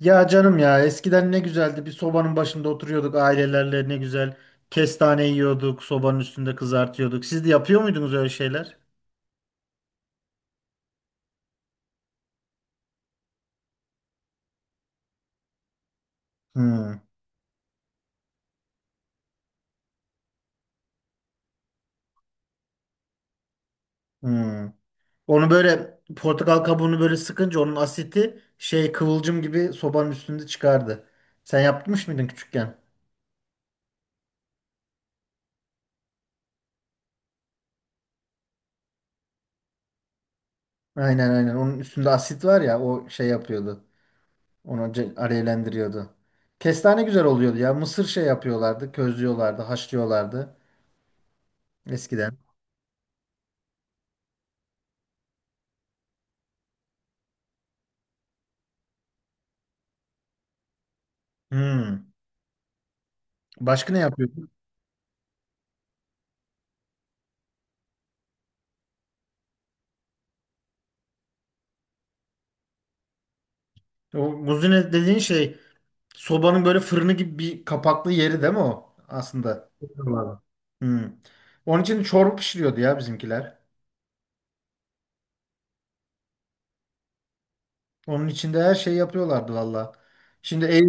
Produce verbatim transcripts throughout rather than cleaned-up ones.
Ya canım ya, eskiden ne güzeldi. Bir sobanın başında oturuyorduk ailelerle, ne güzel kestane yiyorduk, sobanın üstünde kızartıyorduk. Siz de yapıyor muydunuz öyle şeyler? Hmm. Hmm. Onu böyle, portakal kabuğunu böyle sıkınca onun asiti şey, kıvılcım gibi sobanın üstünde çıkardı. Sen yapmış mıydın küçükken? Aynen, aynen, onun üstünde asit var ya, o şey yapıyordu. Onu ce- alevlendiriyordu. Kestane güzel oluyordu ya, mısır şey yapıyorlardı, közlüyorlardı, haşlıyorlardı eskiden. Hmm. Başka ne yapıyorsun? O muzine dediğin şey, sobanın böyle fırını gibi bir kapaklı yeri değil mi o aslında? Bilmiyorum. Hmm. Onun için çorba pişiriyordu ya bizimkiler. Onun içinde her şey yapıyorlardı valla. Şimdi air,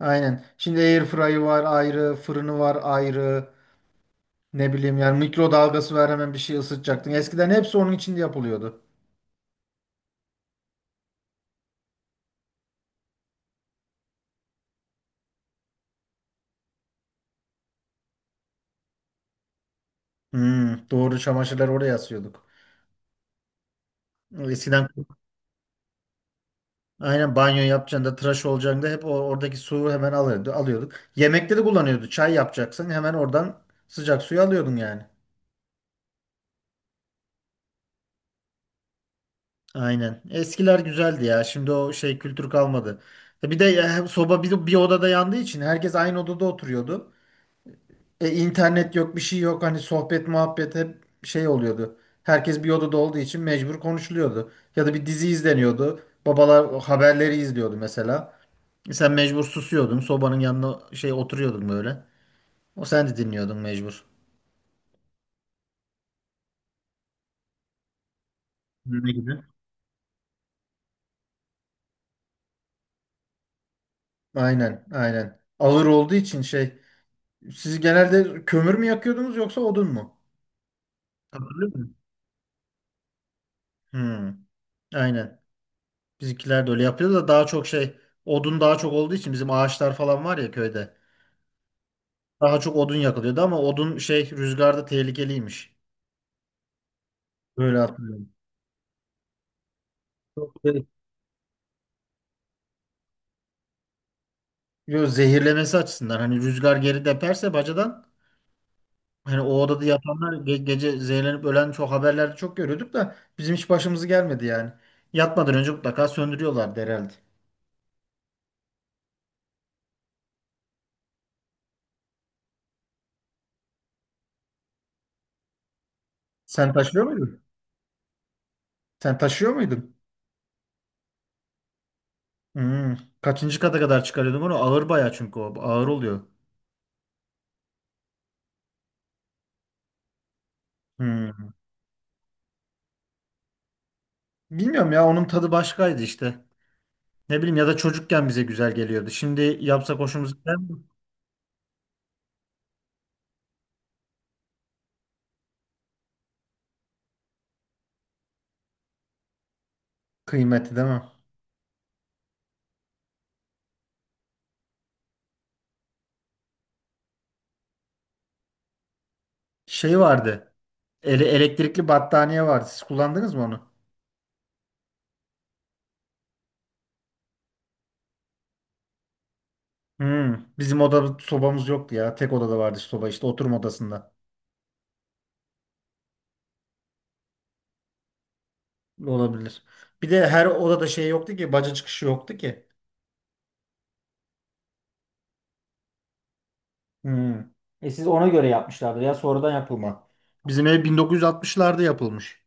aynen. Şimdi air fry'ı var ayrı, fırını var ayrı. Ne bileyim yani, mikrodalgası var, hemen bir şey ısıtacaktın. Eskiden hepsi onun içinde yapılıyordu. Hmm, doğru, çamaşırları oraya asıyorduk. Eskiden. Aynen, banyo yapacağında, tıraş olacağında hep o, oradaki suyu hemen alıyordu, alıyorduk. Yemekte de kullanıyordu. Çay yapacaksın, hemen oradan sıcak suyu alıyordun yani. Aynen. Eskiler güzeldi ya. Şimdi o şey, kültür kalmadı. E Bir de e, soba bir, bir odada yandığı için herkes aynı odada oturuyordu. E, internet yok, bir şey yok. Hani sohbet, muhabbet hep şey oluyordu. Herkes bir odada olduğu için mecbur konuşuluyordu. Ya da bir dizi izleniyordu. Babalar o haberleri izliyordu mesela. E, Sen mecbur susuyordun. Sobanın yanına şey oturuyordun böyle. O, sen de dinliyordun mecbur. Ne gibi? Aynen, aynen. Ağır olduğu için şey. Siz genelde kömür mü yakıyordunuz, yoksa odun mu? Hatırlıyor musun? Hmm, aynen. Bizimkiler de öyle yapıyordu da, daha çok şey, odun daha çok olduğu için, bizim ağaçlar falan var ya köyde. Daha çok odun yakılıyordu, ama odun şey, rüzgarda tehlikeliymiş. Böyle hatırlıyorum. Çok tehlikeli. Yo, zehirlemesi açısından, hani rüzgar geri deperse bacadan. Hani o odada yatanlar ge- gece zehirlenip ölen, çok haberlerde çok görüyorduk da bizim hiç başımızı gelmedi yani. Yatmadan önce mutlaka söndürüyorlardı herhalde. Sen taşıyor muydun? Sen taşıyor muydun? Hmm. Kaçıncı kata kadar çıkarıyordum onu? Ağır bayağı, çünkü o ağır oluyor. Hmm. Bilmiyorum ya, onun tadı başkaydı işte. Ne bileyim, ya da çocukken bize güzel geliyordu. Şimdi yapsak hoşumuza gider mi? Kıymeti değil mi? Şey vardı. Ele, elektrikli battaniye vardı. Siz kullandınız mı onu? Hmm, bizim odada sobamız yoktu ya. Tek odada vardı işte soba, işte oturma odasında. Olabilir. Bir de her odada şey yoktu ki. Baca çıkışı yoktu ki. Hmm. E siz ona göre yapmışlardır ya, sonradan yapılma. Bizim ev bin dokuz yüz altmışlarda yapılmış.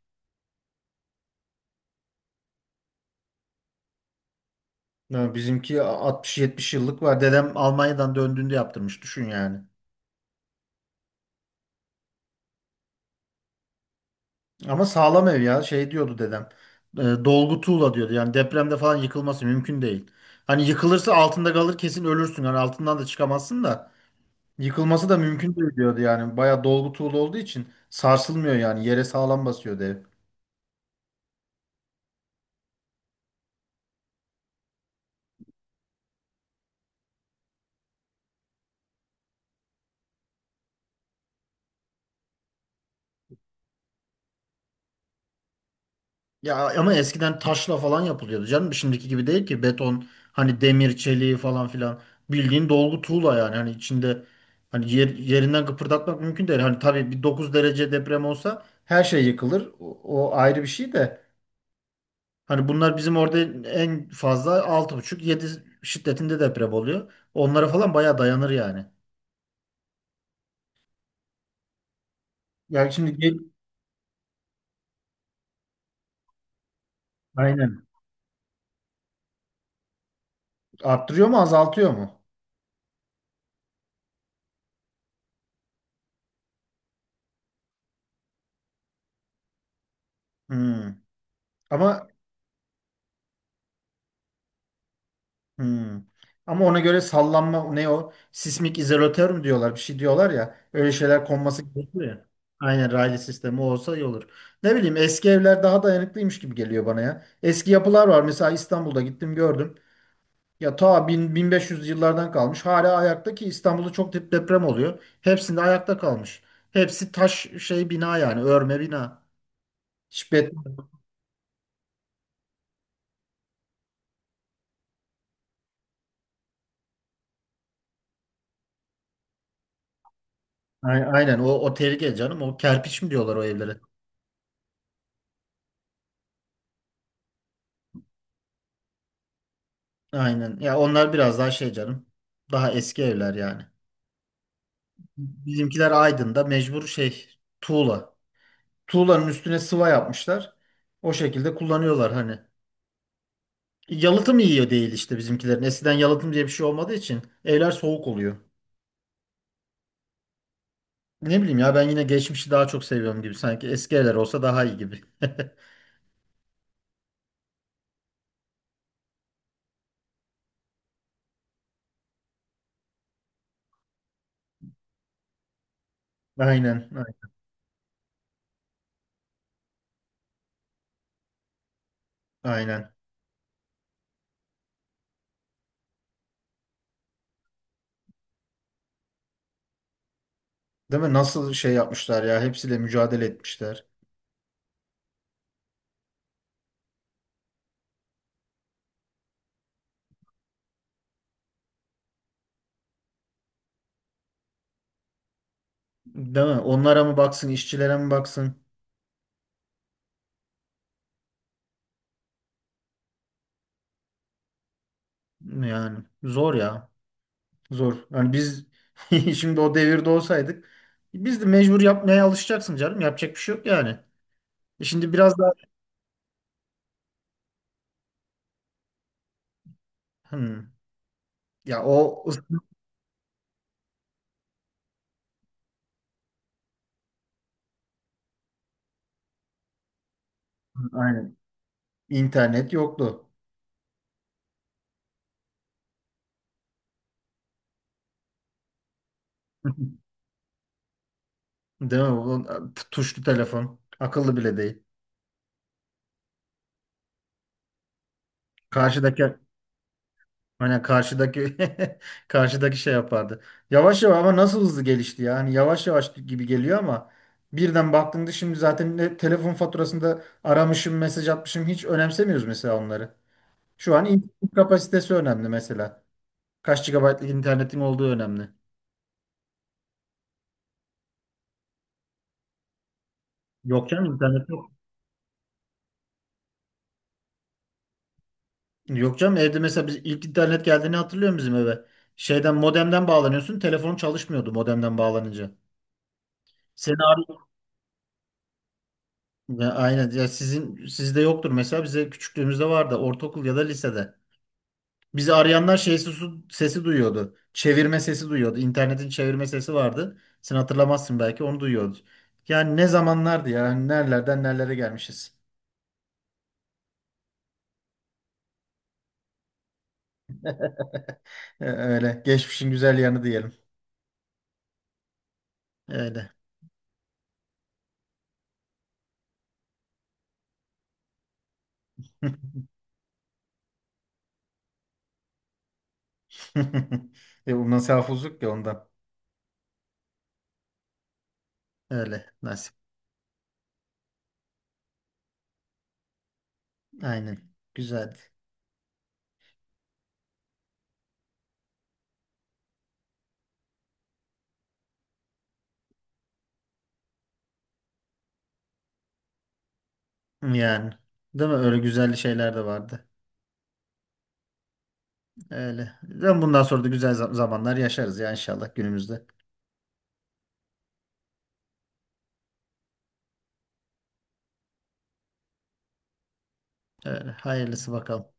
Yani bizimki altmış yetmiş yıllık var. Dedem Almanya'dan döndüğünde yaptırmış. Düşün yani. Ama sağlam ev ya. Şey diyordu dedem. E, dolgu tuğla diyordu. Yani depremde falan yıkılması mümkün değil. Hani yıkılırsa altında kalır, kesin ölürsün. Hani altından da çıkamazsın da. Yıkılması da mümkün değil diyordu yani. Bayağı dolgu tuğla olduğu için sarsılmıyor yani. Yere sağlam basıyor ev. Ya ama eskiden taşla falan yapılıyordu canım. Şimdiki gibi değil ki, beton, hani demir, çeliği falan filan. Bildiğin dolgu tuğla yani. Hani içinde, hani yer, yerinden kıpırdatmak mümkün değil. Hani tabii bir dokuz derece deprem olsa her şey yıkılır. O, o ayrı bir şey de. Hani bunlar bizim orada en fazla altı buçuk yedi şiddetinde deprem oluyor. Onlara falan bayağı dayanır yani. Ya şimdi gel- Aynen. Arttırıyor mu, azaltıyor mu? Hmm. Ama hmm. Ama ona göre sallanma ne o? Sismik izolatör mü diyorlar? Bir şey diyorlar ya. Öyle şeyler konması gerekiyor ya. Aynen, raylı sistemi olsa iyi olur. Ne bileyim, eski evler daha dayanıklıymış gibi geliyor bana ya. Eski yapılar var. Mesela İstanbul'da gittim, gördüm. Ya ta bin, bin beş yüz yıllardan kalmış. Hala ayakta, ki İstanbul'da çok dep- deprem oluyor. Hepsinde ayakta kalmış. Hepsi taş şey bina, yani örme bina. Hiç. Ay- Aynen, o, o tehlike canım. O kerpiç mi diyorlar o evlere? Aynen. Ya onlar biraz daha şey canım. Daha eski evler yani. Bizimkiler Aydın'da mecbur şey, tuğla. Tuğlanın üstüne sıva yapmışlar. O şekilde kullanıyorlar hani. Yalıtım iyi değil işte bizimkilerin. Eskiden yalıtım diye bir şey olmadığı için evler soğuk oluyor. Ne bileyim ya, ben yine geçmişi daha çok seviyorum gibi. Sanki eski evler olsa daha iyi gibi. Aynen. Aynen. Değil mi? Nasıl şey yapmışlar ya. Hepsiyle mücadele etmişler. Değil mi? Onlara mı baksın, işçilere mi baksın? Yani zor ya. Zor. Yani biz şimdi o devirde olsaydık, biz de mecbur yapmaya alışacaksın canım. Yapacak bir şey yok yani. E Şimdi biraz daha. Hmm. Ya o ıs-. Aynen, internet yoktu. Değil mi? O- Tuşlu telefon. Akıllı bile değil. Karşıdaki. Aynen, karşıdaki. Karşıdaki şey yapardı. Yavaş yavaş, ama nasıl hızlı gelişti ya. Hani yavaş yavaş gibi geliyor ama, birden baktığında, şimdi zaten ne telefon faturasında aramışım, mesaj atmışım, hiç önemsemiyoruz mesela onları. Şu an internet kapasitesi önemli mesela. Kaç gigabaytlık internetin olduğu önemli. Yok canım, internet yok. Yok canım, evde mesela biz ilk internet geldiğini hatırlıyor musun bizim eve? Şeyden, modemden bağlanıyorsun, telefon çalışmıyordu modemden bağlanınca. Seni arıyor. Ya aynen. Ya sizin, sizde yoktur mesela, bize küçüklüğümüzde vardı, ortaokul ya da lisede. Bizi arayanlar şey sesi, sesi duyuyordu. Çevirme sesi duyuyordu. İnternetin çevirme sesi vardı. Sen hatırlamazsın belki, onu duyuyordu. Yani ne zamanlardı ya. Hani nerelerden nerelere gelmişiz. E, Öyle. Geçmişin güzel yanı diyelim. Öyle. E, bu nasıl, ya ondan. Öyle. Nasip. Aynen. Güzeldi. Yani. Değil mi? Öyle güzel şeyler de vardı. Öyle. Ben bundan sonra da güzel za- zamanlar yaşarız ya inşallah günümüzde. Öyle. Hayırlısı bakalım.